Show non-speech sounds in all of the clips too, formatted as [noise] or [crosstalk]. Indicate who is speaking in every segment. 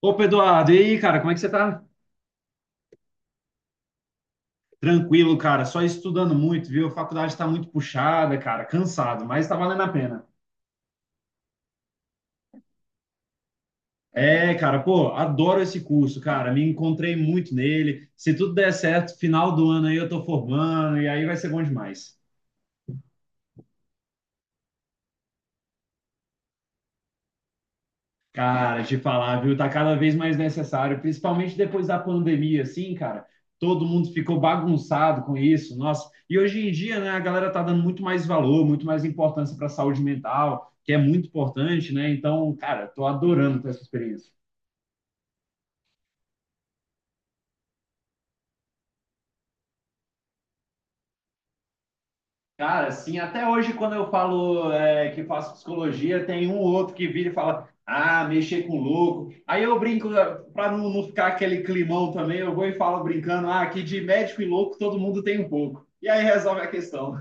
Speaker 1: Opa, Eduardo, e aí, cara, como é que você tá? Tranquilo, cara, só estudando muito, viu? A faculdade tá muito puxada, cara, cansado, mas tá valendo a pena. É, cara, pô, adoro esse curso, cara, me encontrei muito nele. Se tudo der certo, final do ano aí eu tô formando, e aí vai ser bom demais. Cara, de falar, viu? Tá cada vez mais necessário, principalmente depois da pandemia, assim, cara. Todo mundo ficou bagunçado com isso, nossa. E hoje em dia, né, a galera tá dando muito mais valor, muito mais importância para a saúde mental, que é muito importante, né? Então, cara, tô adorando ter essa experiência. Cara, assim, até hoje, quando eu falo que faço psicologia, tem um ou outro que vira e fala, ah, mexer com louco. Aí eu brinco, para não ficar aquele climão também, eu vou e falo brincando, ah, que de médico e louco todo mundo tem um pouco. E aí resolve a questão.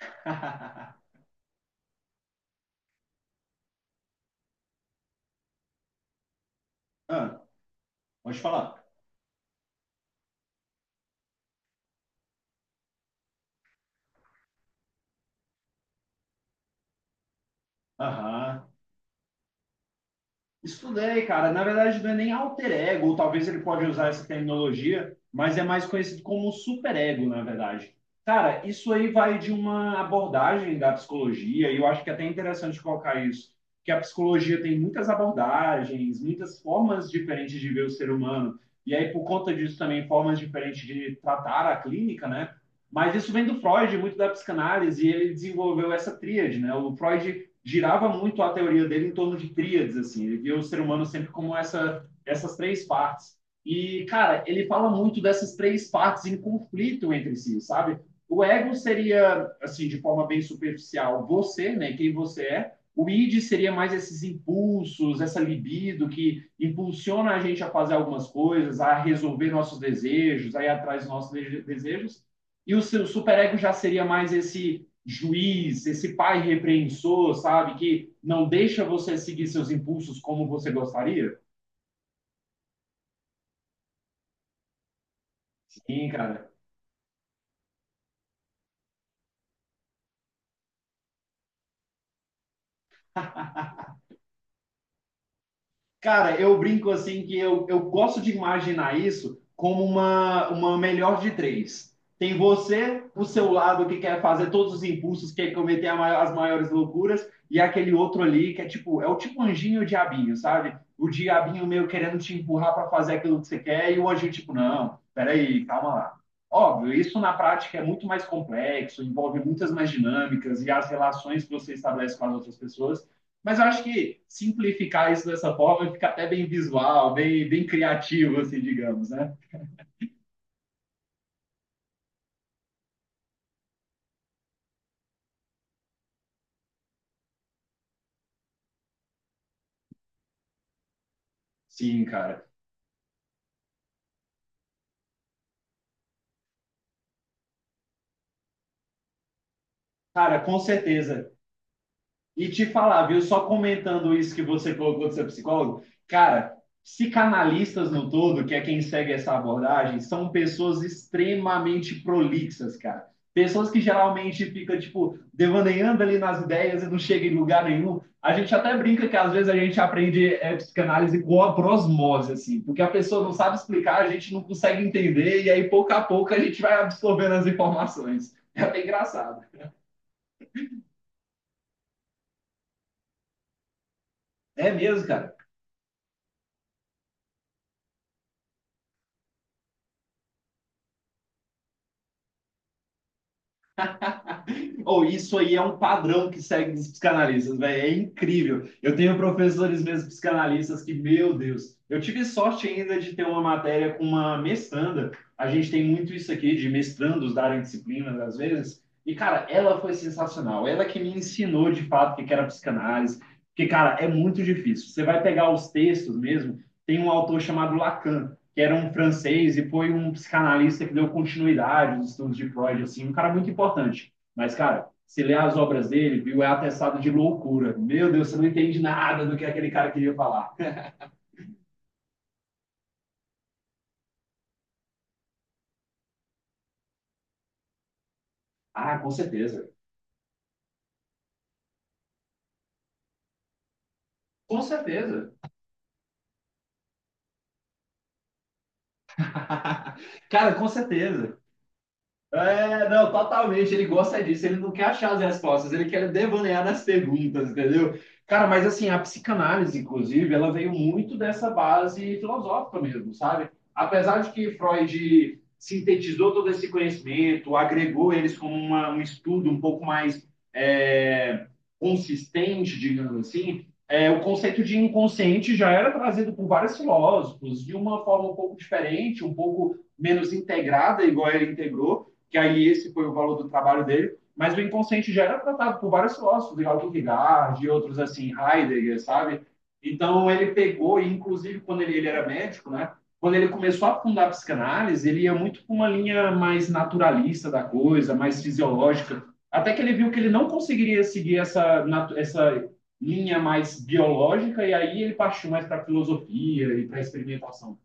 Speaker 1: [laughs] Ah, pode falar. Aham. Estudei, cara. Na verdade, não é nem alter ego, ou talvez ele pode usar essa terminologia, mas é mais conhecido como superego, na verdade. Cara, isso aí vai de uma abordagem da psicologia, e eu acho que é até interessante colocar isso, que a psicologia tem muitas abordagens, muitas formas diferentes de ver o ser humano, e aí por conta disso também formas diferentes de tratar a clínica, né? Mas isso vem do Freud, muito da psicanálise, e ele desenvolveu essa tríade, né? O Freud girava muito a teoria dele em torno de tríades, assim. Ele via o ser humano sempre como essas três partes. E, cara, ele fala muito dessas três partes em conflito entre si, sabe? O ego seria, assim, de forma bem superficial, você, né? Quem você é. O id seria mais esses impulsos, essa libido que impulsiona a gente a fazer algumas coisas, a resolver nossos desejos, a ir atrás dos nossos desejos. E o seu superego já seria mais esse juiz, esse pai repreensor, sabe? Que não deixa você seguir seus impulsos como você gostaria? Sim, cara. Cara, eu brinco assim que eu gosto de imaginar isso como uma melhor de três. Tem você, o seu lado que quer fazer todos os impulsos, quer cometer as maiores loucuras, e aquele outro ali que é tipo, é o tipo anjinho e o diabinho, sabe? O diabinho meio querendo te empurrar para fazer aquilo que você quer, e o anjinho tipo, não, peraí, calma lá. Óbvio, isso na prática é muito mais complexo, envolve muitas mais dinâmicas e as relações que você estabelece com as outras pessoas. Mas eu acho que simplificar isso dessa forma fica até bem visual, bem, bem criativo, assim, digamos, né? Sim, cara. Cara, com certeza. E te falar, viu? Só comentando isso que você colocou de ser psicólogo, cara, psicanalistas no todo, que é quem segue essa abordagem, são pessoas extremamente prolixas, cara. Pessoas que geralmente ficam tipo, devaneando ali nas ideias e não chegam em lugar nenhum. A gente até brinca que às vezes a gente aprende psicanálise com a prosmose, assim, porque a pessoa não sabe explicar, a gente não consegue entender, e aí pouco a pouco a gente vai absorvendo as informações. É bem engraçado. É mesmo, cara. Ou isso aí é um padrão que segue dos psicanalistas, velho. É incrível. Eu tenho professores mesmo psicanalistas que, meu Deus, eu tive sorte ainda de ter uma matéria com uma mestranda. A gente tem muito isso aqui de mestrandos darem disciplinas às vezes. E, cara, ela foi sensacional. Ela que me ensinou de fato o que era psicanálise. Porque, cara, é muito difícil. Você vai pegar os textos mesmo, tem um autor chamado Lacan, que era um francês e foi um psicanalista que deu continuidade aos estudos de Freud, assim, um cara muito importante. Mas, cara, se ler as obras dele, viu, é atestado de loucura. Meu Deus, você não entende nada do que aquele cara queria falar. Ah, com certeza. Com certeza. Cara, com certeza. É, não, totalmente. Ele gosta disso. Ele não quer achar as respostas. Ele quer devanear nas perguntas, entendeu? Cara, mas assim, a psicanálise, inclusive, ela veio muito dessa base filosófica mesmo, sabe? Apesar de que Freud sintetizou todo esse conhecimento, agregou eles como um estudo um pouco mais é, consistente, digamos assim, é, o conceito de inconsciente já era trazido por vários filósofos de uma forma um pouco diferente, um pouco menos integrada, igual ele integrou que aí esse foi o valor do trabalho dele, mas o inconsciente já era tratado por vários filósofos, de Kierkegaard e outros assim, Heidegger, sabe? Então ele pegou, e inclusive quando ele era médico, né? Quando ele começou a fundar a psicanálise, ele ia muito para uma linha mais naturalista da coisa, mais fisiológica, até que ele viu que ele não conseguiria seguir essa linha mais biológica, e aí ele partiu mais para a filosofia e para a experimentação.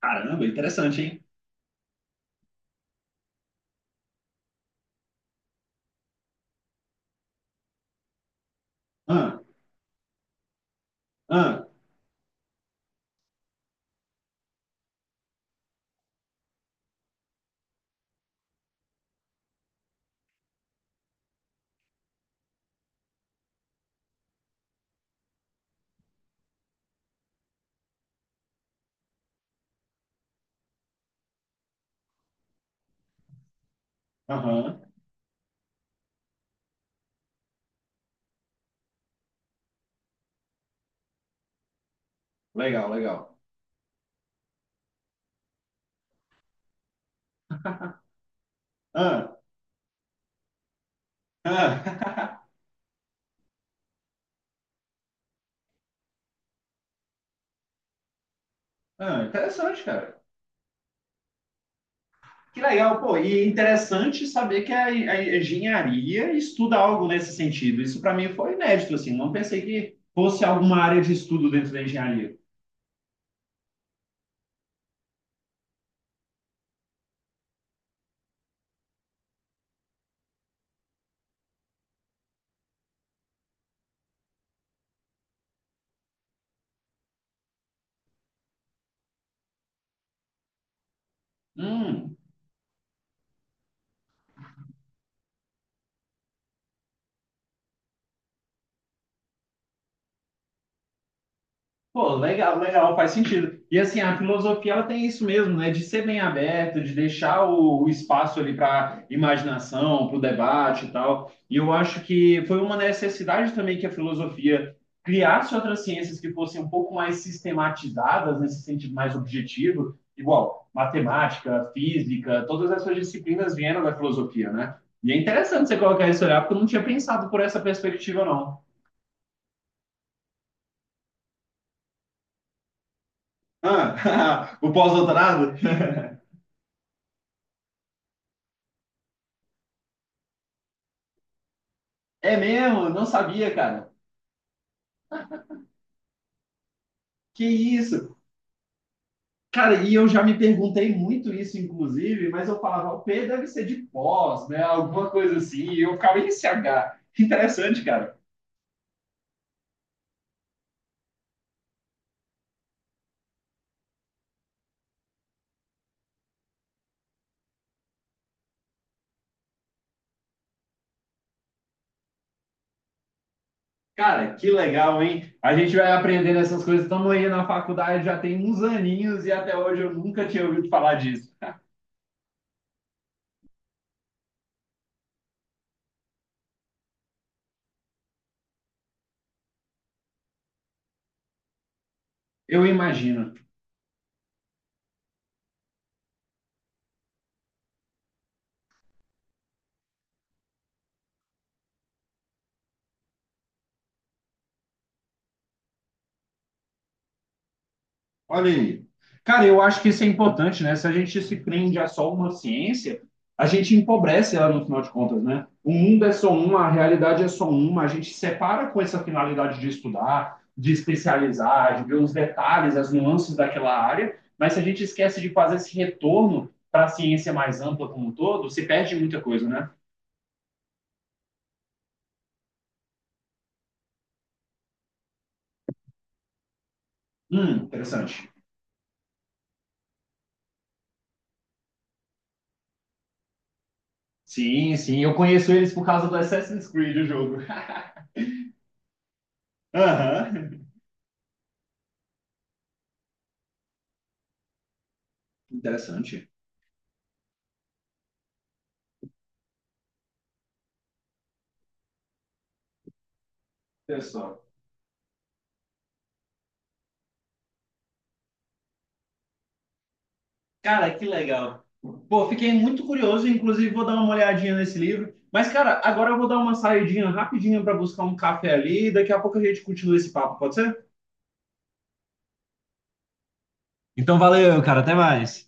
Speaker 1: Caramba, interessante, hein? Ah, ah, aham, legal, legal. Ah, ah, [laughs] ah, interessante, cara. Que legal, pô. E interessante saber que a engenharia estuda algo nesse sentido. Isso para mim foi inédito, assim. Não pensei que fosse alguma área de estudo dentro da engenharia. Hum. Pô, legal, legal, faz sentido. E assim, a filosofia ela tem isso mesmo, né? De ser bem aberto, de deixar o espaço ali para imaginação, para o debate e tal. E eu acho que foi uma necessidade também que a filosofia criasse outras ciências que fossem um pouco mais sistematizadas, nesse sentido mais objetivo, igual matemática, física, todas essas disciplinas vieram da filosofia, né? E é interessante você colocar isso olhar, porque eu não tinha pensado por essa perspectiva, não. Ah, [laughs] o pós-doutorado? É mesmo? Eu não sabia, cara. Que isso? Cara, e eu já me perguntei muito isso, inclusive, mas eu falava, o P deve ser de pós, né? Alguma coisa assim. E eu ficava em CH. Interessante, cara. Cara, que legal, hein? A gente vai aprendendo essas coisas. Estamos aí na faculdade já tem uns aninhos e até hoje eu nunca tinha ouvido falar disso. Eu imagino. Olha aí. Cara, eu acho que isso é importante, né? Se a gente se prende a só uma ciência, a gente empobrece ela no final de contas, né? O mundo é só uma, a realidade é só uma, a gente separa com essa finalidade de estudar, de especializar, de ver os detalhes, as nuances daquela área, mas se a gente esquece de fazer esse retorno para a ciência mais ampla como um todo, se perde muita coisa, né? Interessante. Sim, sim, eu conheço eles por causa do Assassin's Creed, o jogo. [laughs] Aham, interessante. Pessoal. Cara, que legal. Pô, fiquei muito curioso, inclusive vou dar uma olhadinha nesse livro. Mas, cara, agora eu vou dar uma saidinha rapidinha para buscar um café ali e daqui a pouco a gente continua esse papo, pode ser? Então valeu, cara, até mais.